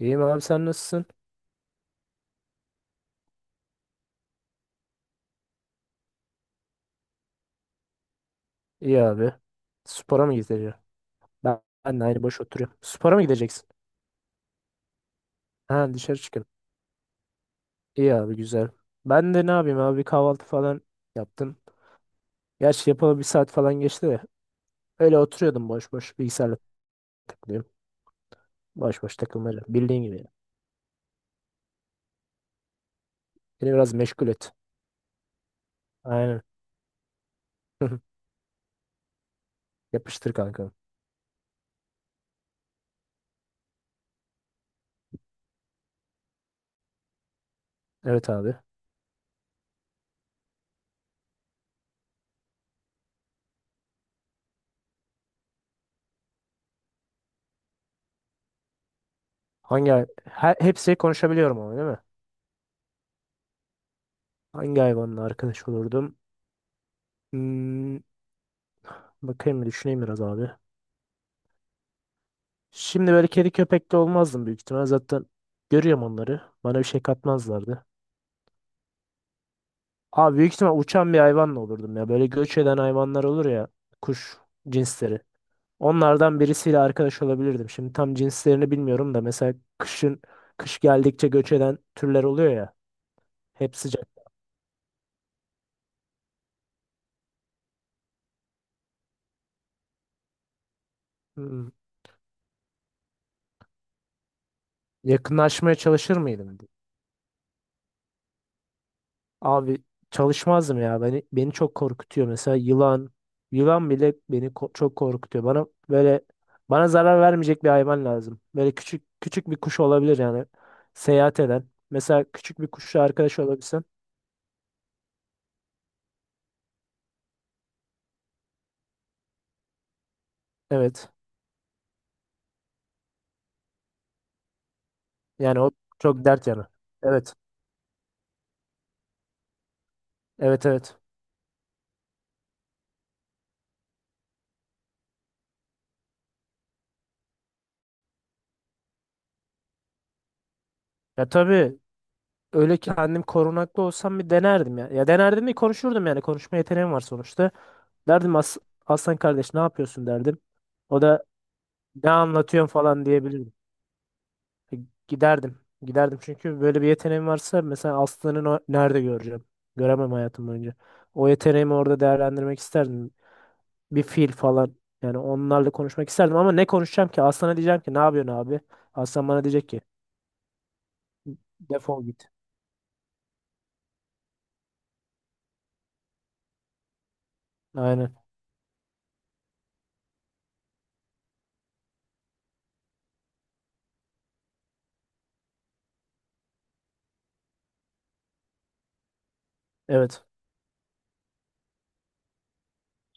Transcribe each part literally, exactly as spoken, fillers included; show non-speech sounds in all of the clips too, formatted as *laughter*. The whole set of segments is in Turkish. İyiyim abi sen nasılsın? İyi abi. Spora mı gideceksin? Ben, ben de aynı boş oturuyorum. Spora mı gideceksin? Ha dışarı çıkın. İyi abi güzel. Ben de ne yapayım abi bir kahvaltı falan yaptım. Gerçi yapalı bir saat falan geçti de. Öyle oturuyordum boş boş bilgisayarla takılıyorum. Boş boş takılmaca. Bildiğin gibi. Ya. Beni biraz meşgul et. Aynen. *laughs* Yapıştır kanka. Evet abi. Hangi hay- he- hepsi konuşabiliyorum ama değil mi? Hangi hayvanla arkadaş olurdum? Hmm, Bakayım bir düşüneyim biraz abi. Şimdi böyle kedi köpekli olmazdım büyük ihtimal. Zaten görüyorum onları. Bana bir şey katmazlardı. Abi büyük ihtimal uçan bir hayvanla olurdum ya. Böyle göç eden hayvanlar olur ya. Kuş cinsleri. Onlardan birisiyle arkadaş olabilirdim. Şimdi tam cinslerini bilmiyorum da mesela kışın kış geldikçe göç eden türler oluyor ya. Hep sıcak. Hmm. Yakınlaşmaya çalışır mıydım? Abi çalışmazdım ya. Beni beni çok korkutuyor. Mesela yılan, yılan bile beni ko- çok korkutuyor. Bana böyle bana zarar vermeyecek bir hayvan lazım. Böyle küçük küçük bir kuş olabilir yani. Seyahat eden. Mesela küçük bir kuşla arkadaş olabilsen. Evet. Yani o çok dert yanı. Evet. Evet, evet. Ya tabii öyle ki kendim korunaklı olsam bir denerdim ya. Ya denerdim mi konuşurdum yani. Konuşma yeteneğim var sonuçta. Derdim As Aslan kardeş ne yapıyorsun derdim. O da ne anlatıyorsun falan diyebilirdi. E, Giderdim. Giderdim çünkü böyle bir yeteneğim varsa mesela aslanı no- nerede göreceğim? Göremem hayatım boyunca. O yeteneğimi orada değerlendirmek isterdim. Bir fil falan. Yani onlarla konuşmak isterdim ama ne konuşacağım ki? Aslana diyeceğim ki ne yapıyorsun abi? Aslan bana diyecek ki defol git. Aynen. Evet.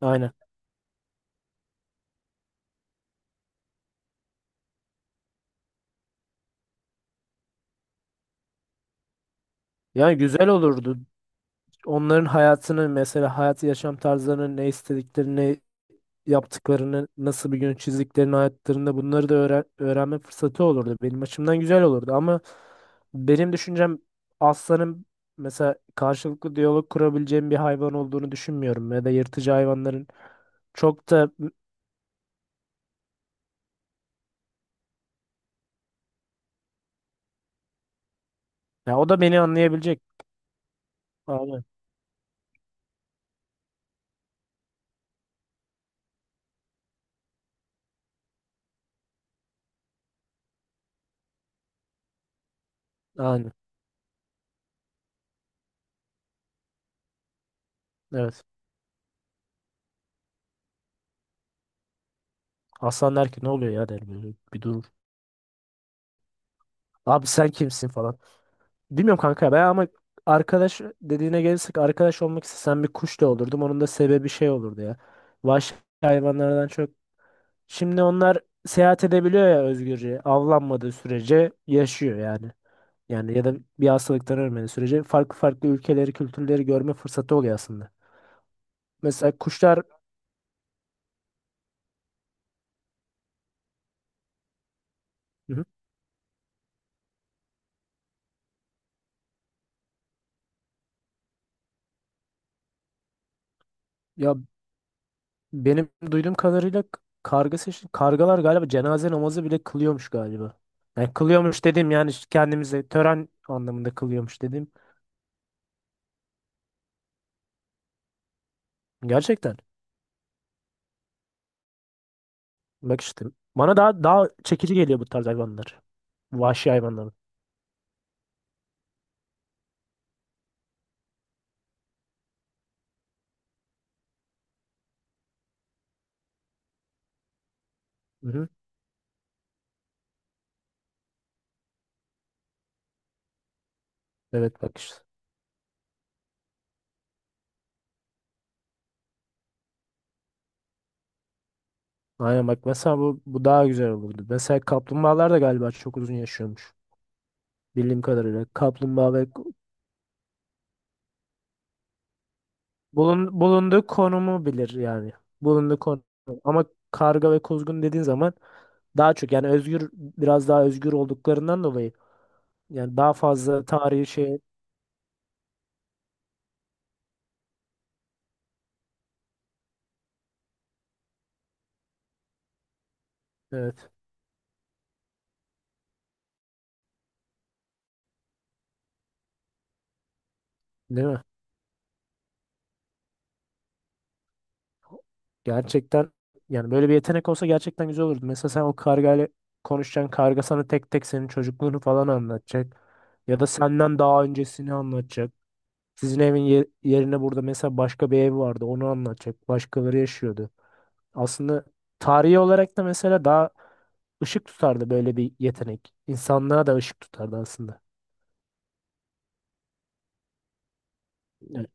Aynen. Yani güzel olurdu. Onların hayatını mesela hayat yaşam tarzlarını ne istediklerini yaptıklarını, nasıl bir gün çizdiklerini hayatlarında bunları da öğren- öğrenme fırsatı olurdu. Benim açımdan güzel olurdu ama benim düşüncem aslanın mesela karşılıklı diyalog kurabileceğim bir hayvan olduğunu düşünmüyorum ya da yırtıcı hayvanların çok da ya o da beni anlayabilecek. Aynen. Aynen. Evet. Aslan der ki ne oluyor ya der böyle bir durur. Abi sen kimsin falan. Bilmiyorum kanka ben ama arkadaş dediğine gelirsek arkadaş olmak istesem bir kuş da olurdum. Onun da sebebi şey olurdu ya. Vahşi hayvanlardan çok. Şimdi onlar seyahat edebiliyor ya özgürce. Avlanmadığı sürece yaşıyor yani. Yani ya da bir hastalıktan ölmediği sürece farklı farklı ülkeleri, kültürleri görme fırsatı oluyor aslında. Mesela kuşlar. Hı hı. Ya benim duyduğum kadarıyla k- karga seçti. Kargalar galiba cenaze namazı bile kılıyormuş galiba. Yani kılıyormuş dedim yani kendimize tören anlamında kılıyormuş dedim. Gerçekten. Bak işte. Bana daha daha çekici geliyor bu tarz hayvanlar. Vahşi hayvanlar. Hı hı. Evet, bak işte. Aynen, bak mesela bu, bu daha güzel olurdu. Mesela kaplumbağalar da galiba çok uzun yaşıyormuş. Bildiğim kadarıyla. Kaplumbağa ve bulun, bulunduğu konumu bilir yani. Bulunduğu konum. Ama karga ve kuzgun dediğin zaman daha çok yani özgür biraz daha özgür olduklarından dolayı yani daha fazla tarihi şey, evet. Değil mi? Gerçekten yani böyle bir yetenek olsa gerçekten güzel olurdu. Mesela sen o kargayla konuşacaksın. Karga sana tek tek senin çocukluğunu falan anlatacak. Ya da senden daha öncesini anlatacak. Sizin evin ye- yerine burada mesela başka bir ev vardı. Onu anlatacak. Başkaları yaşıyordu. Aslında tarihi olarak da mesela daha ışık tutardı böyle bir yetenek. İnsanlığa da ışık tutardı aslında. Yani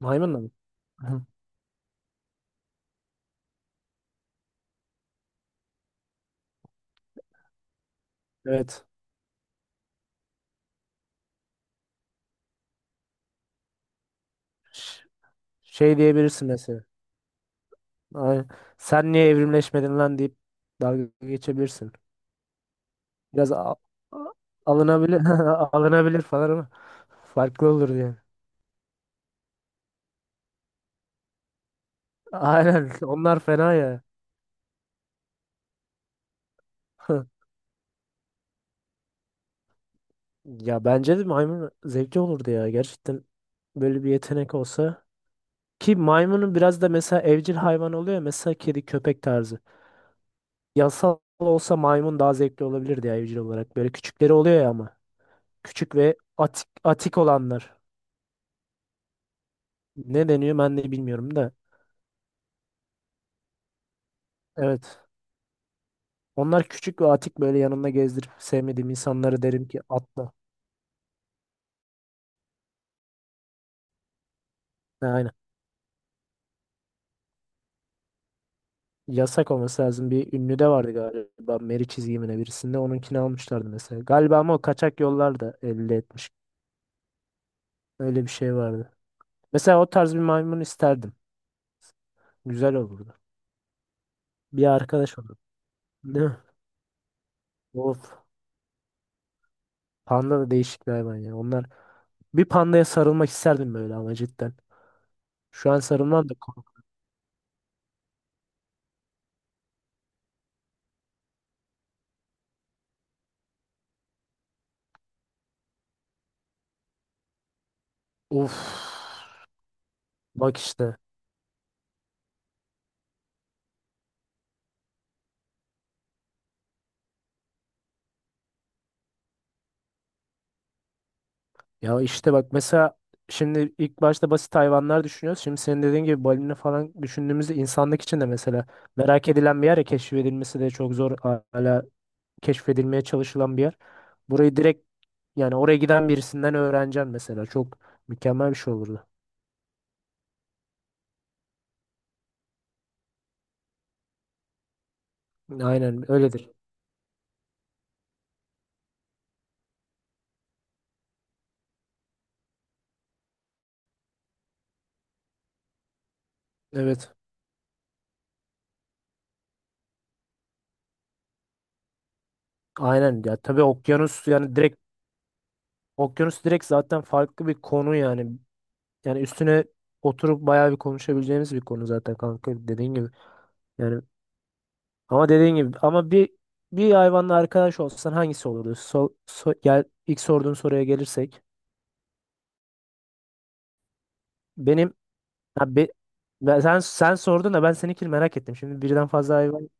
maymunla mı? Hı. Evet. Ş- Şey diyebilirsin mesela. Aynen. Sen niye evrimleşmedin lan deyip dalga geçebilirsin. Biraz a- a- alınabilir *laughs* alınabilir falan ama farklı olur yani. Aynen, *laughs* onlar fena ya. *laughs* Ya bence de maymun zevkli olurdu ya gerçekten böyle bir yetenek olsa. Ki maymunun biraz da mesela evcil hayvan oluyor ya mesela kedi köpek tarzı. Yasal olsa maymun daha zevkli olabilirdi ya evcil olarak. Böyle küçükleri oluyor ya ama. Küçük ve atik, atik olanlar. Ne deniyor ben de bilmiyorum da. Evet. Onlar küçük ve atik böyle yanımda gezdirip sevmediğim insanlara derim ki atla. Ha, aynen. Yasak olması lazım. Bir ünlü de vardı galiba. Meri çizgimine birisinde. Onunkini almışlardı mesela. Galiba ama o kaçak yollarda elde etmiş. Öyle bir şey vardı. Mesela o tarz bir maymun isterdim. Güzel olurdu. Bir arkadaş olur. Değil mi? Of. Panda da değişik bir hayvan ya. Onlar bir pandaya sarılmak isterdim böyle ama cidden. Şu an sarılmam da kork- Of. Bak işte. Ya işte bak mesela şimdi ilk başta basit hayvanlar düşünüyoruz. Şimdi senin dediğin gibi balina falan düşündüğümüzde insanlık için de mesela merak edilen bir yer ya keşfedilmesi de çok zor, hala keşfedilmeye çalışılan bir yer. Burayı direkt yani oraya giden birisinden öğreneceğim mesela çok mükemmel bir şey olurdu. Aynen öyledir. Evet. Aynen ya tabii okyanus yani direkt okyanus direkt zaten farklı bir konu yani. Yani üstüne oturup bayağı bir konuşabileceğimiz bir konu zaten kanka dediğin gibi. Yani. Ama dediğin gibi ama bir bir hayvanla arkadaş olsan hangisi olurdu? So, so- gel ilk sorduğun soruya gelirsek. Benim ha, be- ben, sen sen sordun da ben seninkini merak ettim. Şimdi birden fazla hayvan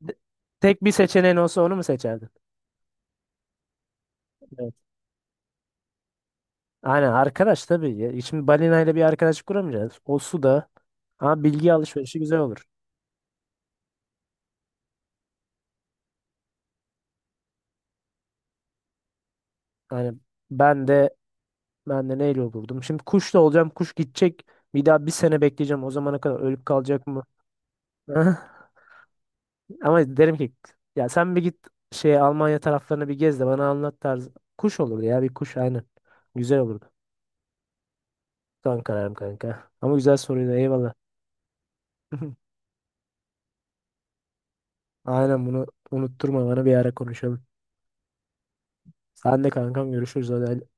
de- tek bir seçeneğin olsa onu mu seçerdin? Evet. Aynen arkadaş tabii. Ya. Şimdi balinayla bir arkadaşlık kuramayacağız. O su da ama bilgi alışverişi güzel olur. Yani ben de ben de neyle olurdum? Şimdi kuş da olacağım. Kuş gidecek. Bir daha bir sene bekleyeceğim. O zamana kadar ölüp kalacak mı? *laughs* Ama derim ki ya sen bir git şey Almanya taraflarını bir gez de bana anlat tarzı. Kuş olurdu ya bir kuş aynen. Güzel olurdu. Son kararım kanka. Ama güzel soruydu eyvallah. *laughs* Aynen, bunu unutturma bana bir ara konuşalım. Sen de kankam, görüşürüz hadi.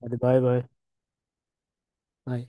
Hadi bay bay. Bay.